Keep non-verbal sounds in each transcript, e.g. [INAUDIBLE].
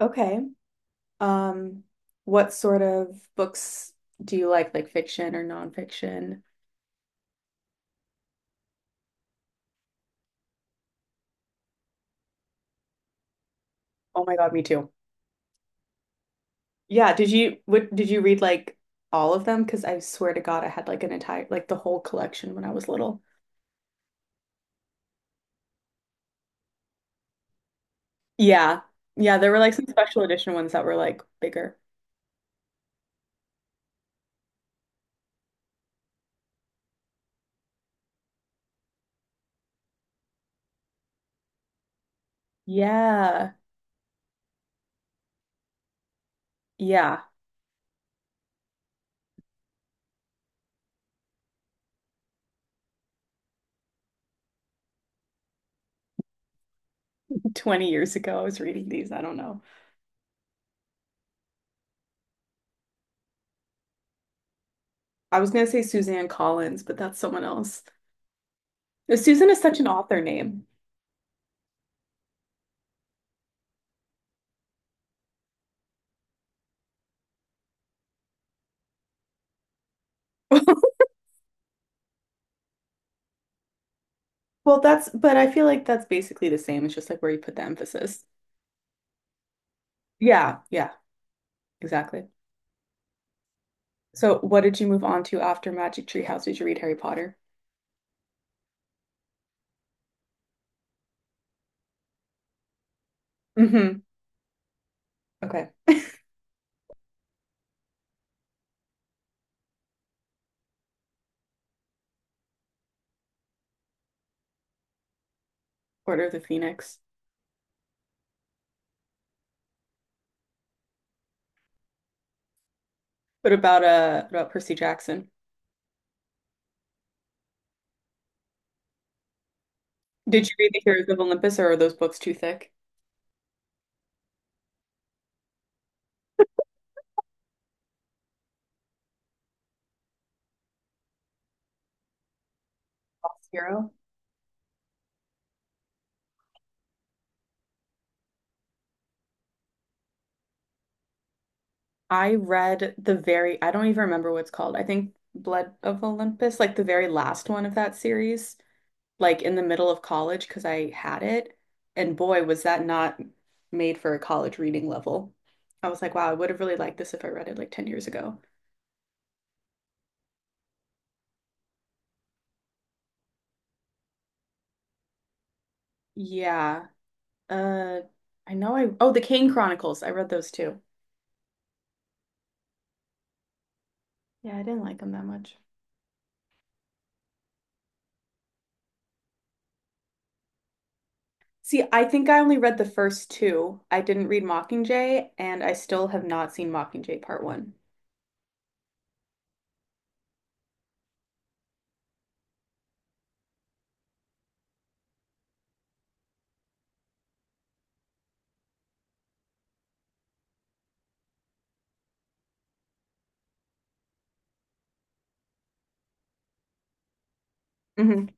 Okay. Um, what sort of books do you like fiction or nonfiction? Oh my God, me too. Yeah, did you what did you read, like all of them? Because I swear to God, I had like an entire, like the whole collection when I was little. Yeah. Yeah, there were like some special edition ones that were like bigger. Yeah. Yeah. [LAUGHS] 20 years ago, I was reading these. I don't know. I was gonna say Suzanne Collins, but that's someone else. Susan is such an author name. [LAUGHS] Well, but I feel like that's basically the same. It's just like where you put the emphasis. Yeah, yeah, exactly. So, what did you move on to after Magic Tree House? Did you read Harry Potter? Mm-hmm. Okay. Order of the Phoenix. What about Percy Jackson? Did you read The Heroes of Olympus, or are those books too thick? Lost Hero. I read the very, I don't even remember what it's called. I think Blood of Olympus, like the very last one of that series. Like in the middle of college because I had it. And boy, was that not made for a college reading level. I was like, wow, I would have really liked this if I read it like 10 years ago. Yeah. Uh, I know oh, The Kane Chronicles. I read those too. Yeah, I didn't like them that much. See, I think I only read the first two. I didn't read Mockingjay, and I still have not seen Mockingjay Part One. Hmm.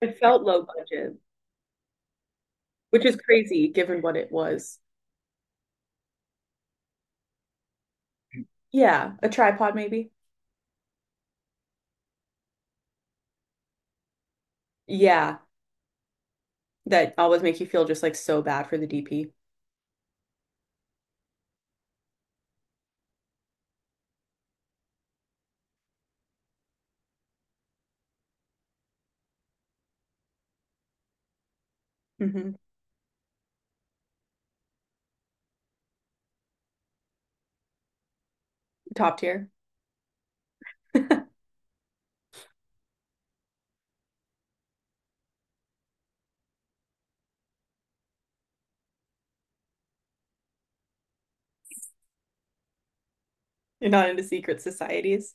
It felt low budget, which is crazy given what it was. Yeah, a tripod maybe. Yeah. That always make you feel just like so bad for the DP. Hmm. Top tier. [LAUGHS] You're Not into secret societies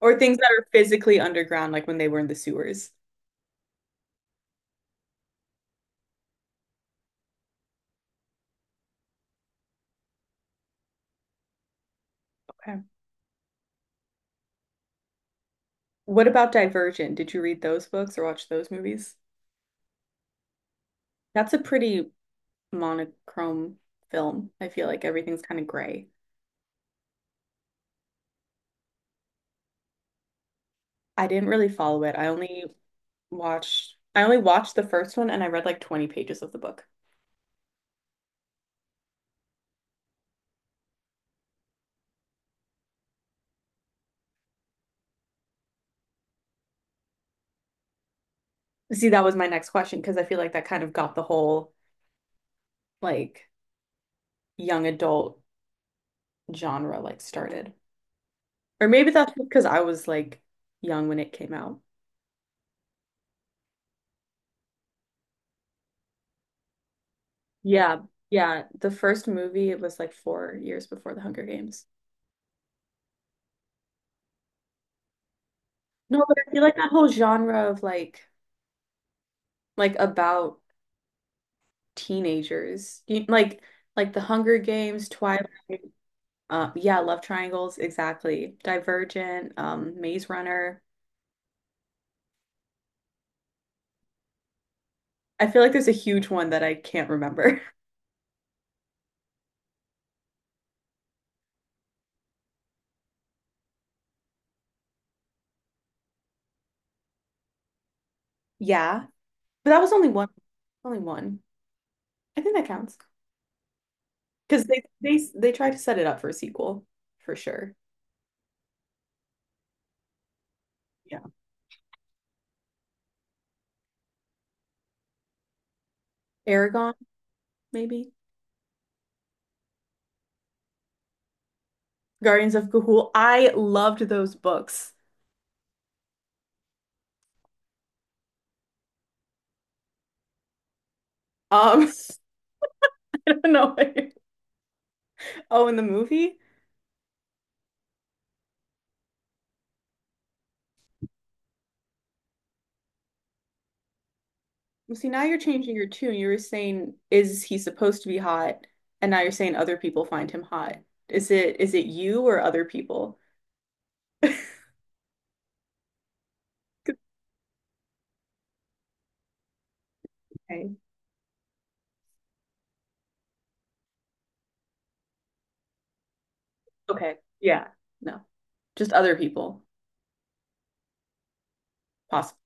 or things that are physically underground, like when they were in the sewers. Okay. What about Divergent? Did you read those books or watch those movies? That's a pretty monochrome film. I feel like everything's kind of gray. I didn't really follow it. I only watched the first one, and I read like 20 pages of the book. See, that was my next question because I feel like that kind of got the whole, like, young adult genre like started. Or maybe that's because I was like young when it came out. Yeah, yeah. The first movie, it was like 4 years before The Hunger Games. No, but I feel like that whole genre of like about teenagers, like The Hunger Games, Twilight, yeah, love triangles, exactly. Divergent, Maze Runner. I feel like there's a huge one that I can't remember. [LAUGHS] Yeah, but that was only one, only one. I think that counts. Because they try to set it up for a sequel for sure. Yeah. Aragon, maybe. Guardians of Gahul. I loved those books. Um, [LAUGHS] no. Way. Oh, in the movie? Well, see, now you're changing your tune. You were saying, is he supposed to be hot? And now you're saying other people find him hot. Is it you or other people? [LAUGHS] Okay. Okay. Yeah. No. Just other people. Possible.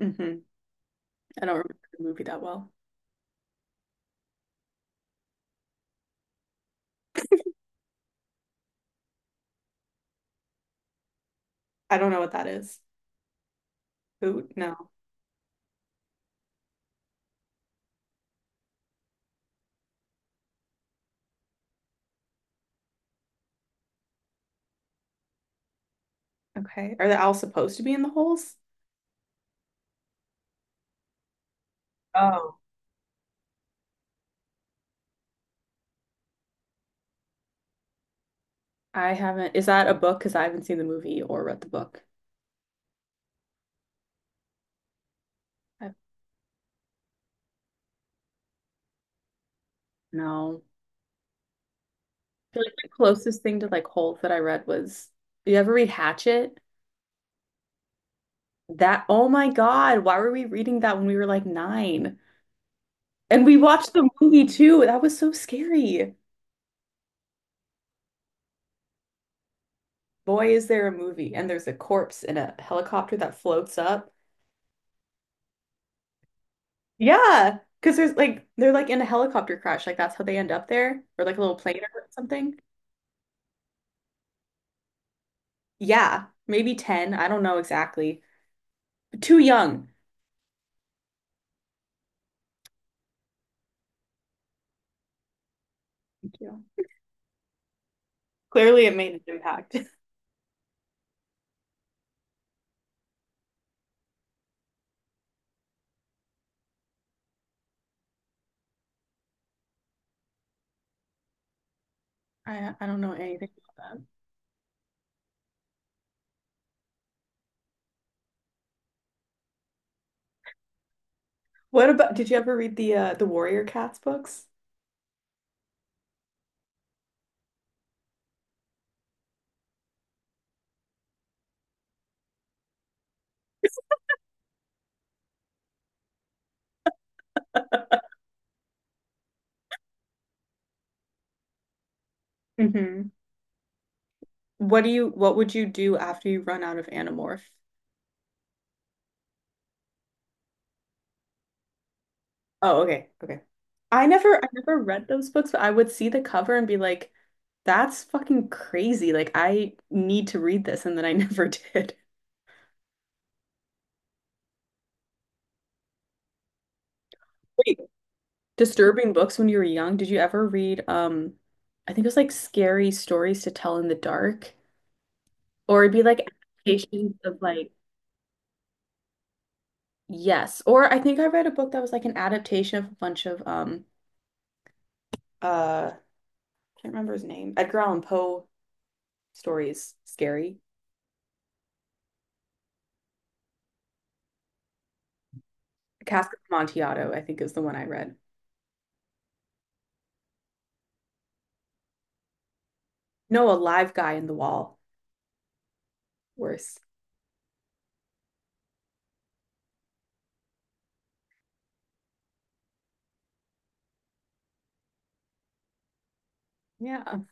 Hmm. I don't remember the movie that well. I don't know what that is. Who? No. Okay. Are they all supposed to be in the holes? Oh, I haven't. Is that a book? Because I haven't seen the movie or read the book. I, no. I feel like the closest thing to like holes that I read was, you ever read Hatchet? That, oh my God, why were we reading that when we were like nine? And we watched the movie too. That was so scary. Boy, is there a movie. And there's a corpse in a helicopter that floats up. Yeah. Because there's like, they're like in a helicopter crash. Like that's how they end up there, or like a little plane or something. Yeah, maybe 10. I don't know exactly. But too young. Thank you. Clearly, it made an impact. [LAUGHS] I don't know anything about that. What about, did you ever read the Warrior Cats books? That. Hmm. What do you what would you do after you run out of Animorph? Oh, okay, okay. I never read those books, but I would see the cover and be like, that's fucking crazy. Like I need to read this, and then I never [LAUGHS] did. Wait, disturbing books when you were young. Did you ever read I think it was like scary stories to tell in the dark, or it'd be like adaptations of like, yes, or I think I read a book that was like an adaptation of a bunch of I can't remember his name. Edgar Allan Poe stories. Scary. Cask of Amontillado, I think is the one I read. No, a live guy in the wall. Worse. Yeah.